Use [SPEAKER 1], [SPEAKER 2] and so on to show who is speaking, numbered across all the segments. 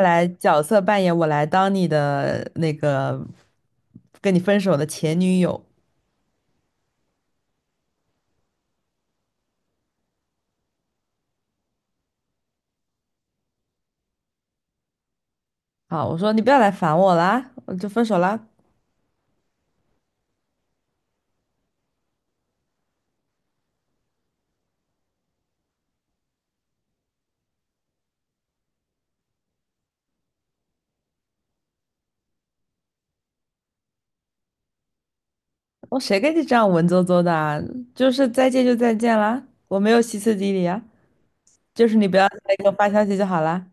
[SPEAKER 1] 来角色扮演，我来当你的那个跟你分手的前女友。好，我说你不要来烦我啦，我就分手啦。我谁跟你这样文绉绉的啊？就是再见就再见啦，我没有歇斯底里啊，就是你不要再给我发消息就好啦。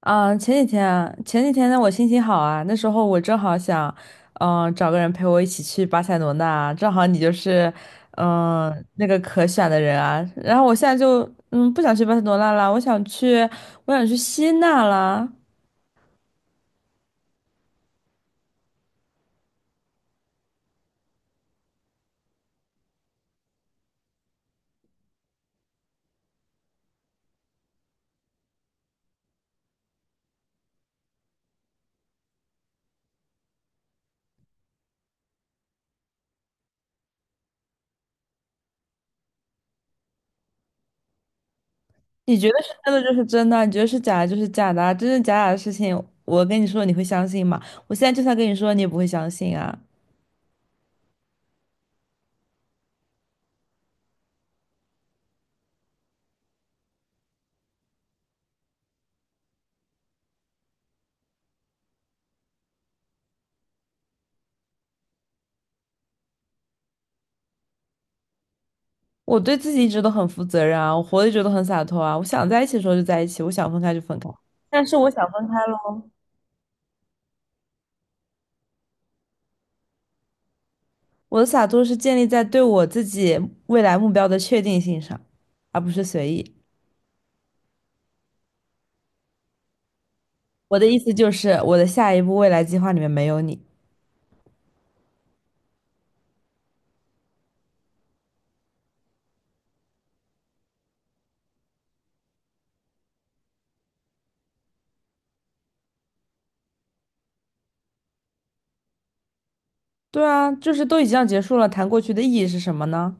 [SPEAKER 1] 啊，前几天呢，我心情好啊，那时候我正好想，找个人陪我一起去巴塞罗那啊，正好你就是，嗯、那个可选的人啊。然后我现在就，不想去巴塞罗那啦，我想去希腊啦。你觉得是真的就是真的，你觉得是假的就是假的啊，真真假假的事情，我跟你说你会相信吗？我现在就算跟你说，你也不会相信啊。我对自己一直都很负责任啊，我活得一直都很洒脱啊。我想在一起的时候就在一起，我想分开就分开。但是我想分开喽，我的洒脱是建立在对我自己未来目标的确定性上，而不是随意。我的意思就是，我的下一步未来计划里面没有你。对啊，就是都已经要结束了，谈过去的意义是什么呢？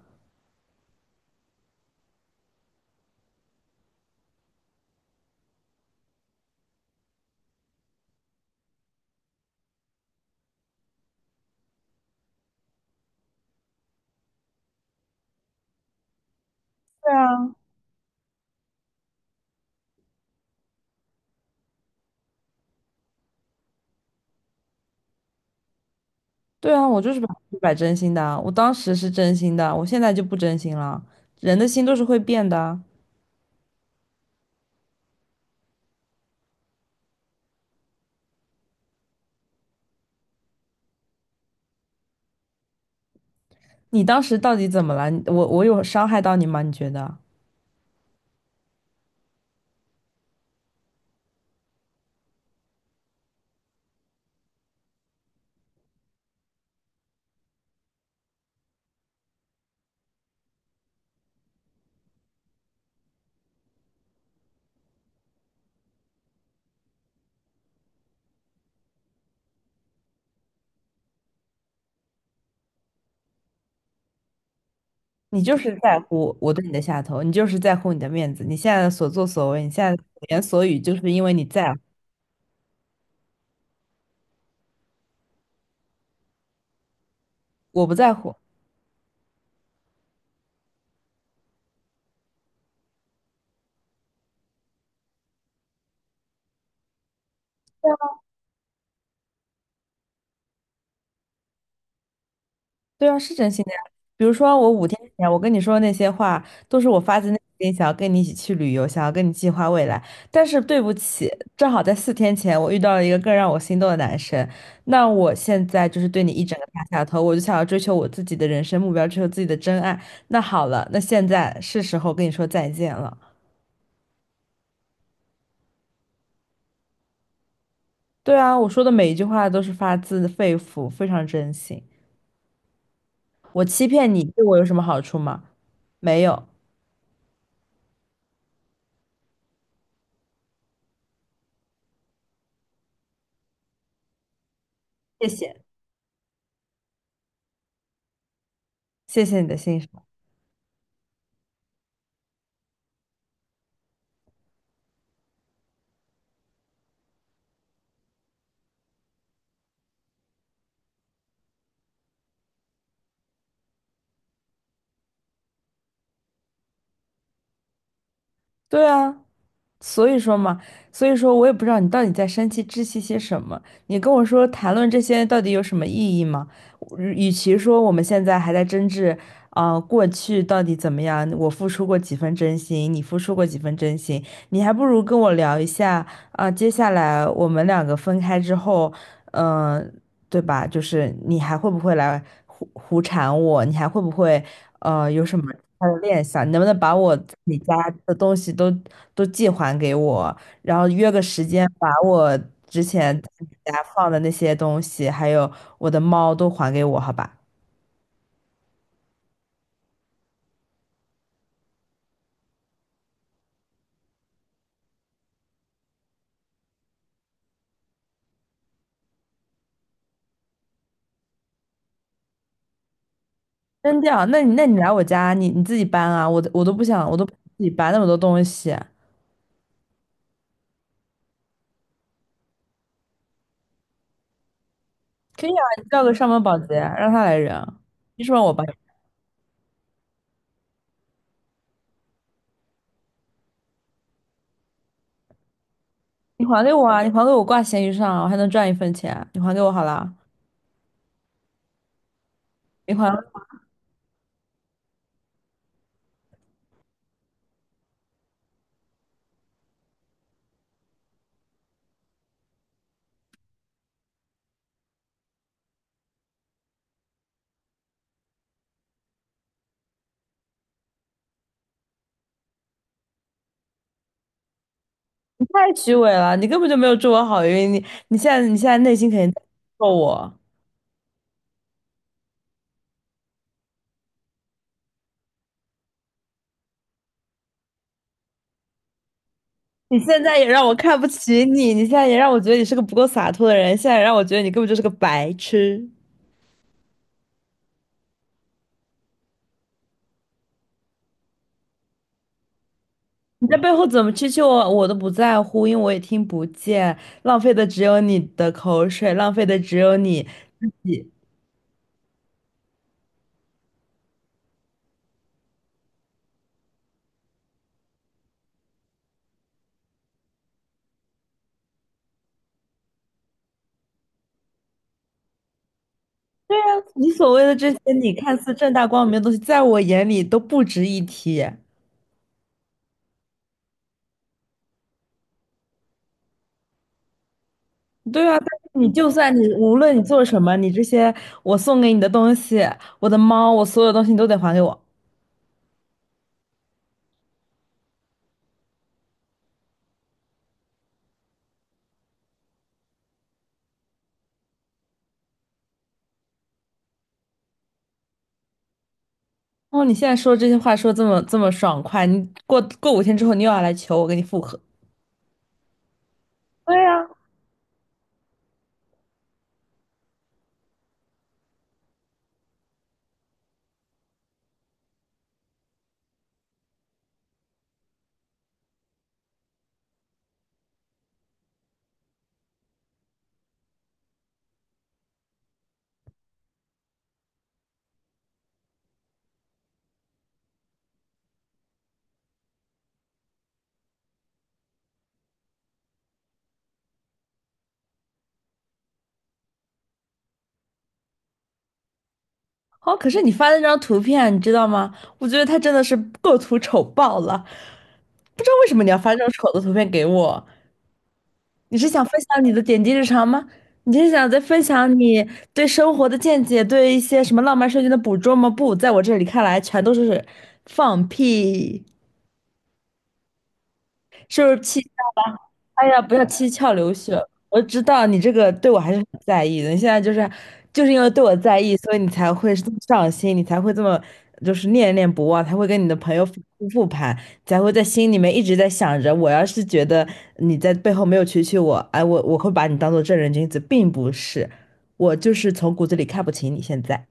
[SPEAKER 1] 对啊，对啊，我就是100%真心的啊，我当时是真心的，我现在就不真心了。人的心都是会变的啊。你当时到底怎么了？我有伤害到你吗？你觉得？你就是在乎我对你的下头，你就是在乎你的面子，你现在的所作所为，你现在的所言所语，就是因为你在乎，我不在乎。对啊，是真心的呀。比如说，我5天前我跟你说的那些话，都是我发自内心想要跟你一起去旅游，想要跟你计划未来。但是对不起，正好在4天前我遇到了一个更让我心动的男生，那我现在就是对你一整个大下头，我就想要追求我自己的人生目标，追求自己的真爱。那好了，那现在是时候跟你说再见了。对啊，我说的每一句话都是发自肺腑，非常真心。我欺骗你，对我有什么好处吗？没有，谢谢，谢谢你的欣赏。对啊，所以说嘛，所以说我也不知道你到底在生气窒息些什么。你跟我说谈论这些到底有什么意义吗？我与其说我们现在还在争执，过去到底怎么样，我付出过几分真心，你付出过几分真心，你还不如跟我聊一下接下来我们2个分开之后，嗯、对吧？就是你还会不会来胡缠我？你还会不会？有什么他的念想？你能不能把我自己家的东西都寄还给我？然后约个时间，把我之前在你家放的那些东西，还有我的猫都还给我，好吧？扔掉？那你来我家，你自己搬啊！我都不想，我都不想自己搬那么多东西。可以啊，你叫个上门保洁，让他来扔。你说让我搬？你还给我啊！你还给我挂闲鱼上啊，我还能赚1分钱。你还给我好了，你还。太虚伪了，你根本就没有祝我好运，你现在内心肯定在咒我，你现在也让我看不起你，你现在也让我觉得你是个不够洒脱的人，现在也让我觉得你根本就是个白痴。你在背后怎么蛐蛐我，我都不在乎，因为我也听不见，浪费的只有你的口水，浪费的只有你。对啊，你所谓的这些你看似正大光明的东西，在我眼里都不值一提。对啊，但是你就算你无论你做什么，你这些我送给你的东西，我的猫，我所有东西你都得还给我。哦，你现在说这些话说这么这么爽快，你过5天之后你又要来求我跟你复合。对呀，好，可是你发的那张图片，你知道吗？我觉得他真的是构图丑爆了，不知道为什么你要发这种丑的图片给我。你是想分享你的点滴日常吗？你是想再分享你对生活的见解，对一些什么浪漫瞬间的捕捉吗？不，在我这里看来，全都是放屁。是不是气窍了？哎呀，不要七窍流血！我知道你这个对我还是很在意的。你现在就是因为对我在意，所以你才会这么上心，你才会这么念念不忘，才会跟你的朋友反复复盘，才会在心里面一直在想着，我要是觉得你在背后没有蛐蛐我，哎，我会把你当做正人君子，并不是，我就是从骨子里看不起你。现在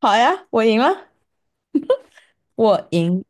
[SPEAKER 1] 好呀，我赢了，我赢。